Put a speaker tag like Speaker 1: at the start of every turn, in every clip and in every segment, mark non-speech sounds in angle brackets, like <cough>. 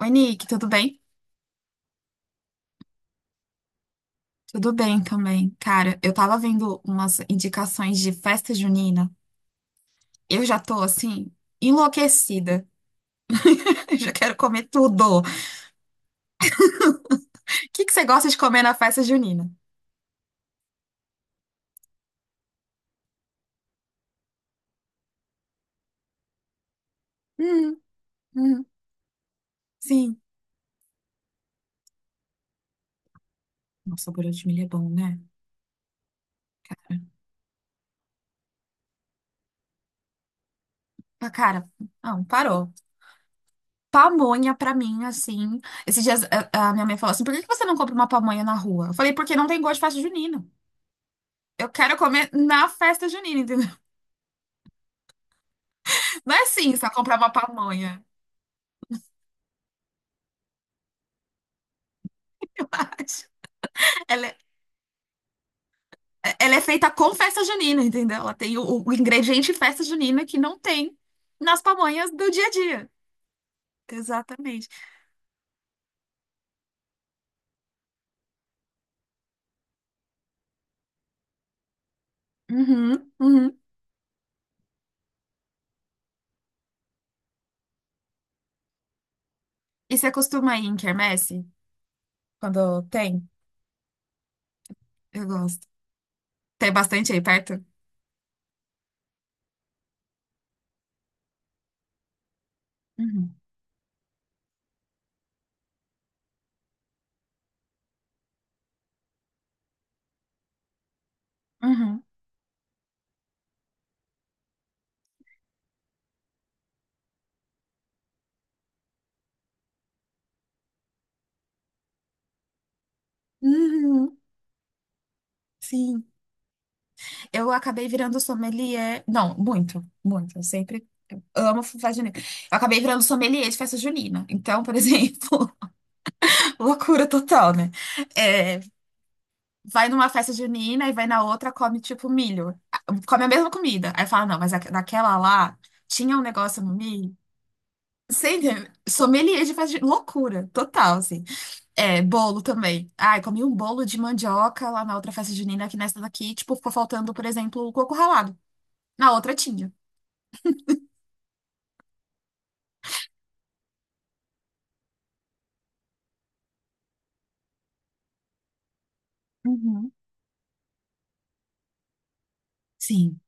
Speaker 1: Oi, Nick, tudo bem? Tudo bem também. Cara, eu tava vendo umas indicações de festa junina. Eu já tô assim, enlouquecida. <laughs> Eu já quero comer tudo. O que que você gosta de comer na festa junina? Hum, hum, sim. Nossa, o bolo de milho é bom, né? Cara, Ah, cara, não, parou. Pamonha pra mim, assim. Esses dias a minha mãe falou assim: por que que você não compra uma pamonha na rua? Eu falei, porque não tem gosto de festa junina. Eu quero comer na festa junina, entendeu? <laughs> Não é assim, só comprar uma pamonha. <laughs> Ela, ela é feita com festa junina, entendeu? Ela tem o ingrediente festa junina que não tem nas pamonhas do dia a dia. Exatamente. Uhum, uhum. E você costuma ir em quermesse? Quando tem? Eu gosto. Tem bastante aí perto? Uhum, uhum, uhum. Sim. Eu acabei virando sommelier. Não, muito, muito. Eu amo festa junina. Eu acabei virando sommelier de festa junina. Então, por exemplo, <laughs> loucura total, né? É, vai numa festa junina e vai na outra, come tipo milho. Ah, come a mesma comida. Aí fala, não, mas naquela lá tinha um negócio no milho. Sem sommelier de festa junina. Loucura, total, assim. É, bolo também. Ai, comi um bolo de mandioca lá na outra festa junina, que nessa daqui, tipo, ficou faltando, por exemplo, o coco ralado. Na outra tinha. Uhum. Sim.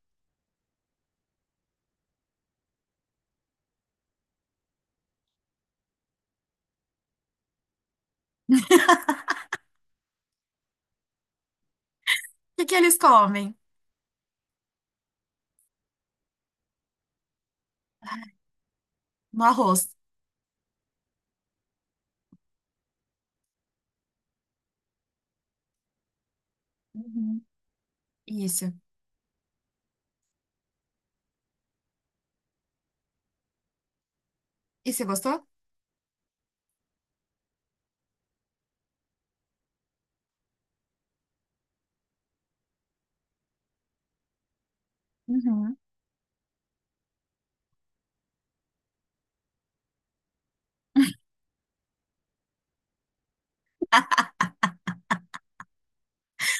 Speaker 1: O que que eles comem? No arroz. Uhum. Isso. E você gostou? Uhum.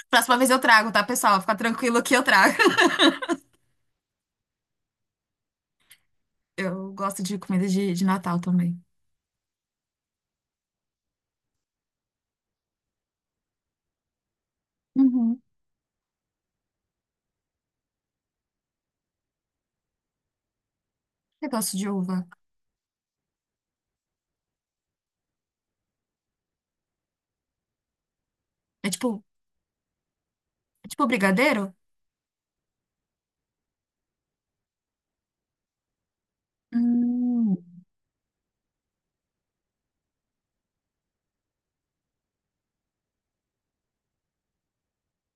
Speaker 1: Próxima vez eu trago, tá, pessoal? Fica tranquilo que eu trago. Eu gosto de comida de Natal também. Uhum. Eu gosto de uva. É tipo, é tipo brigadeiro? Hum,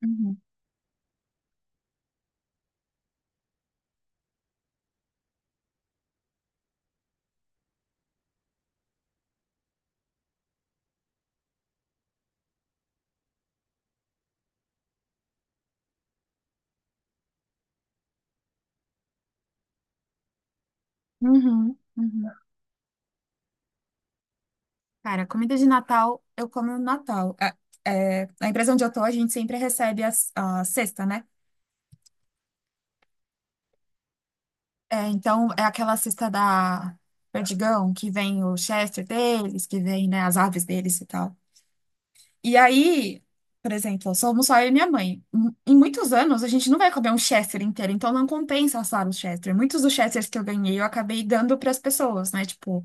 Speaker 1: Uhum. Uhum. Uhum. Cara, comida de Natal, eu como no Natal. É, na empresa onde eu tô, a gente sempre recebe a cesta, né? É, então, é aquela cesta da Perdigão, que vem o Chester deles, que vem, né, as aves deles e tal. E aí, por exemplo, somos só eu e minha mãe. Em muitos anos, a gente não vai comer um Chester inteiro, então não compensa assar o Chester. Muitos dos Chesters que eu ganhei, eu acabei dando para as pessoas, né? Tipo,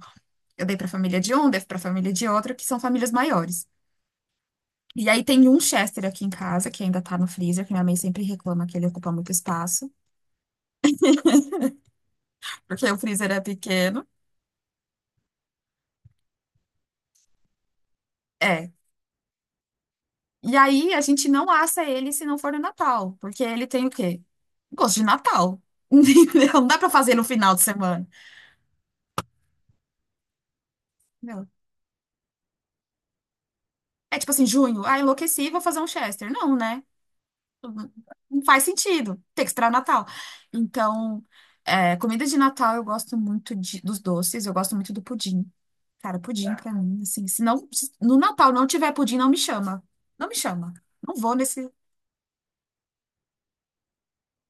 Speaker 1: eu dei para a família de um, dei para a família de outro, que são famílias maiores. E aí tem um Chester aqui em casa, que ainda tá no freezer, que minha mãe sempre reclama que ele ocupa muito espaço, porque o freezer é pequeno. É. E aí a gente não assa ele se não for no Natal, porque ele tem o quê? Gosto de Natal. <laughs> Entendeu? Não dá para fazer no final de semana. É tipo assim, junho, ah, enlouqueci, vou fazer um Chester. Não, né? Não faz sentido. Tem que esperar o Natal. Então, é, comida de Natal eu gosto muito dos doces, eu gosto muito do pudim. Cara, pudim pra mim, assim, se no Natal não tiver pudim, não me chama. Não me chama. Não vou nesse.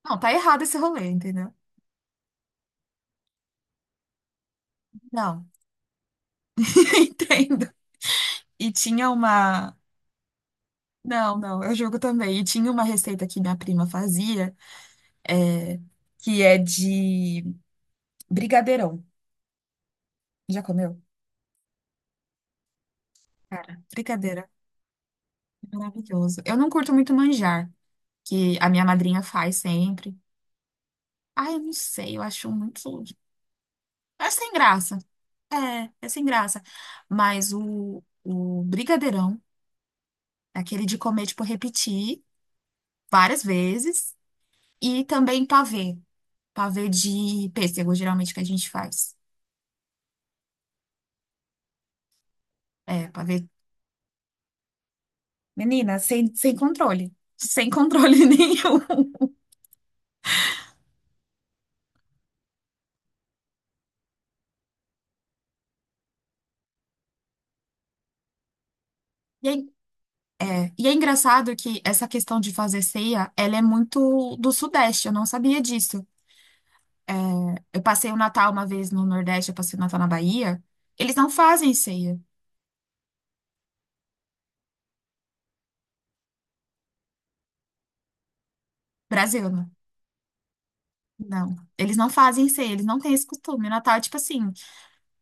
Speaker 1: Não, tá errado esse rolê, entendeu? Não. <laughs> Entendo. E tinha uma. Não, não, eu jogo também. E tinha uma receita que minha prima fazia, é, que é de brigadeirão. Já comeu? Cara, brigadeiro é maravilhoso. Eu não curto muito manjar, que a minha madrinha faz sempre. Ai, eu não sei, eu acho muito. É sem graça. É, sem graça. Mas o brigadeirão, aquele de comer, tipo, repetir várias vezes. E também pavê. Pavê de pêssego, geralmente, que a gente faz. É, pavê. Menina, sem controle. Sem controle <laughs> nenhum. E aí, e é engraçado que essa questão de fazer ceia, ela é muito do Sudeste, eu não sabia disso. É, eu passei o Natal uma vez no Nordeste, eu passei o Natal na Bahia, eles não fazem ceia, Brasil, Não, eles não fazem ceia, eles não têm esse costume. O Natal é tipo assim,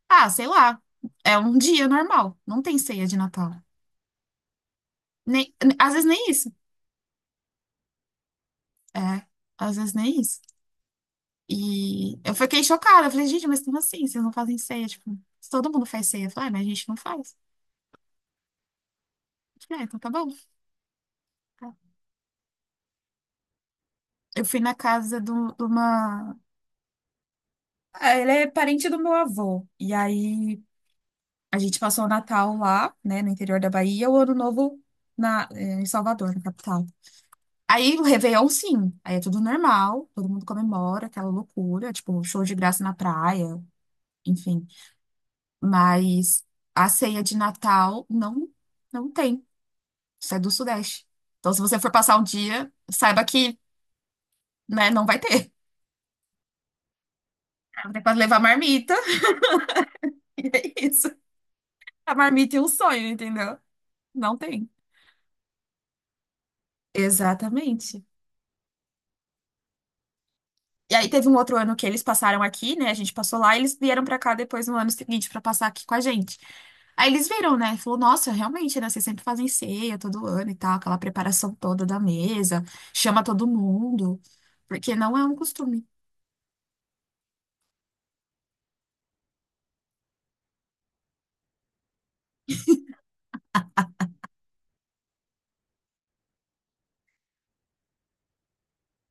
Speaker 1: ah, sei lá, é um dia normal, não tem ceia de Natal. Nem, às vezes nem isso, é, às vezes nem isso. E eu fiquei chocada, eu falei, gente, mas como assim, vocês não fazem ceia? Tipo, se todo mundo faz ceia. Eu falei, ah, mas a gente não faz. Eu falei, ah, então tá bom. Tá." Eu fui na casa de uma. Ah, ele é parente do meu avô. E aí a gente passou o Natal lá, né, no interior da Bahia, o Ano Novo em Salvador, na capital. Aí o Réveillon, sim. Aí é tudo normal, todo mundo comemora, aquela loucura, tipo, show de graça na praia, enfim. Mas a ceia de Natal não, não tem. Isso é do Sudeste. Então, se você for passar um dia, saiba que, né, não vai ter. Vai ter que levar marmita. <laughs> E é isso. A marmita e um sonho, entendeu? Não tem. Exatamente. E aí teve um outro ano que eles passaram aqui, né? A gente passou lá e eles vieram pra cá depois no ano seguinte pra passar aqui com a gente. Aí eles viram, né? Falou, nossa, realmente, né? Vocês sempre fazem ceia todo ano e tal, aquela preparação toda da mesa, chama todo mundo, porque não é um costume.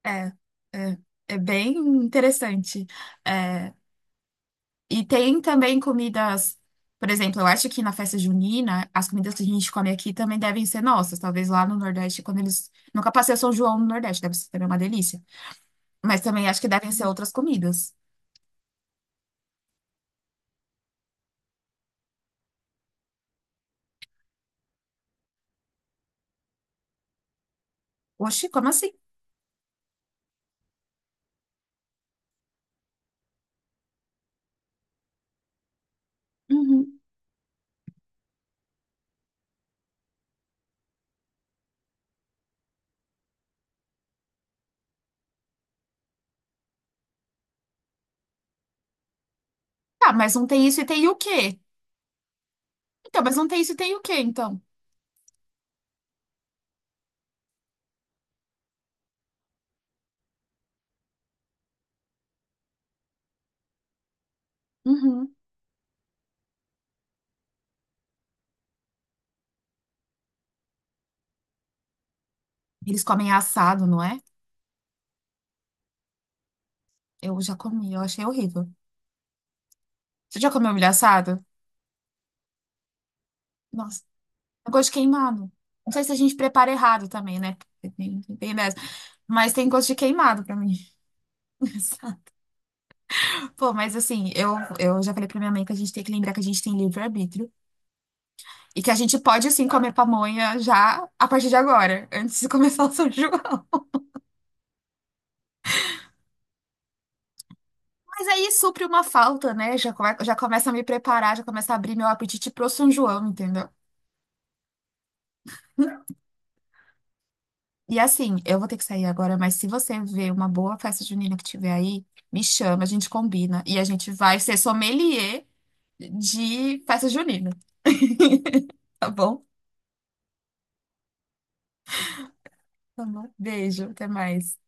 Speaker 1: É, é, é, bem interessante. É, E tem também comidas, por exemplo, eu acho que na festa junina, as comidas que a gente come aqui também devem ser nossas. Talvez lá no Nordeste, quando eles. Nunca passei o São João no Nordeste, deve ser também uma delícia. Mas também acho que devem ser outras comidas. Oxi, como assim? Uhum. Ah, mas não tem isso e tem o quê? Então, mas não tem isso e tem o quê, então? Uhum. Eles comem assado, não é? Eu já comi, eu achei horrível. Você já comeu milho assado? Nossa, tem gosto de queimado. Não sei se a gente prepara errado também, né? Tem dessa. Mas tem gosto de queimado pra mim. <laughs> Exato. Pô, mas assim, eu já falei pra minha mãe que a gente tem que lembrar que a gente tem livre-arbítrio e que a gente pode, assim, comer pamonha já a partir de agora, antes de <laughs> começar o São João. Mas aí supre uma falta, né? Já, come, já começa a me preparar, já começa a abrir meu apetite pro São João, entendeu? E assim, eu vou ter que sair agora, mas se você ver uma boa festa junina que tiver aí, me chama, a gente combina e a gente vai ser sommelier de festa junina. <laughs> Tá bom? Tá bom. Beijo, até mais.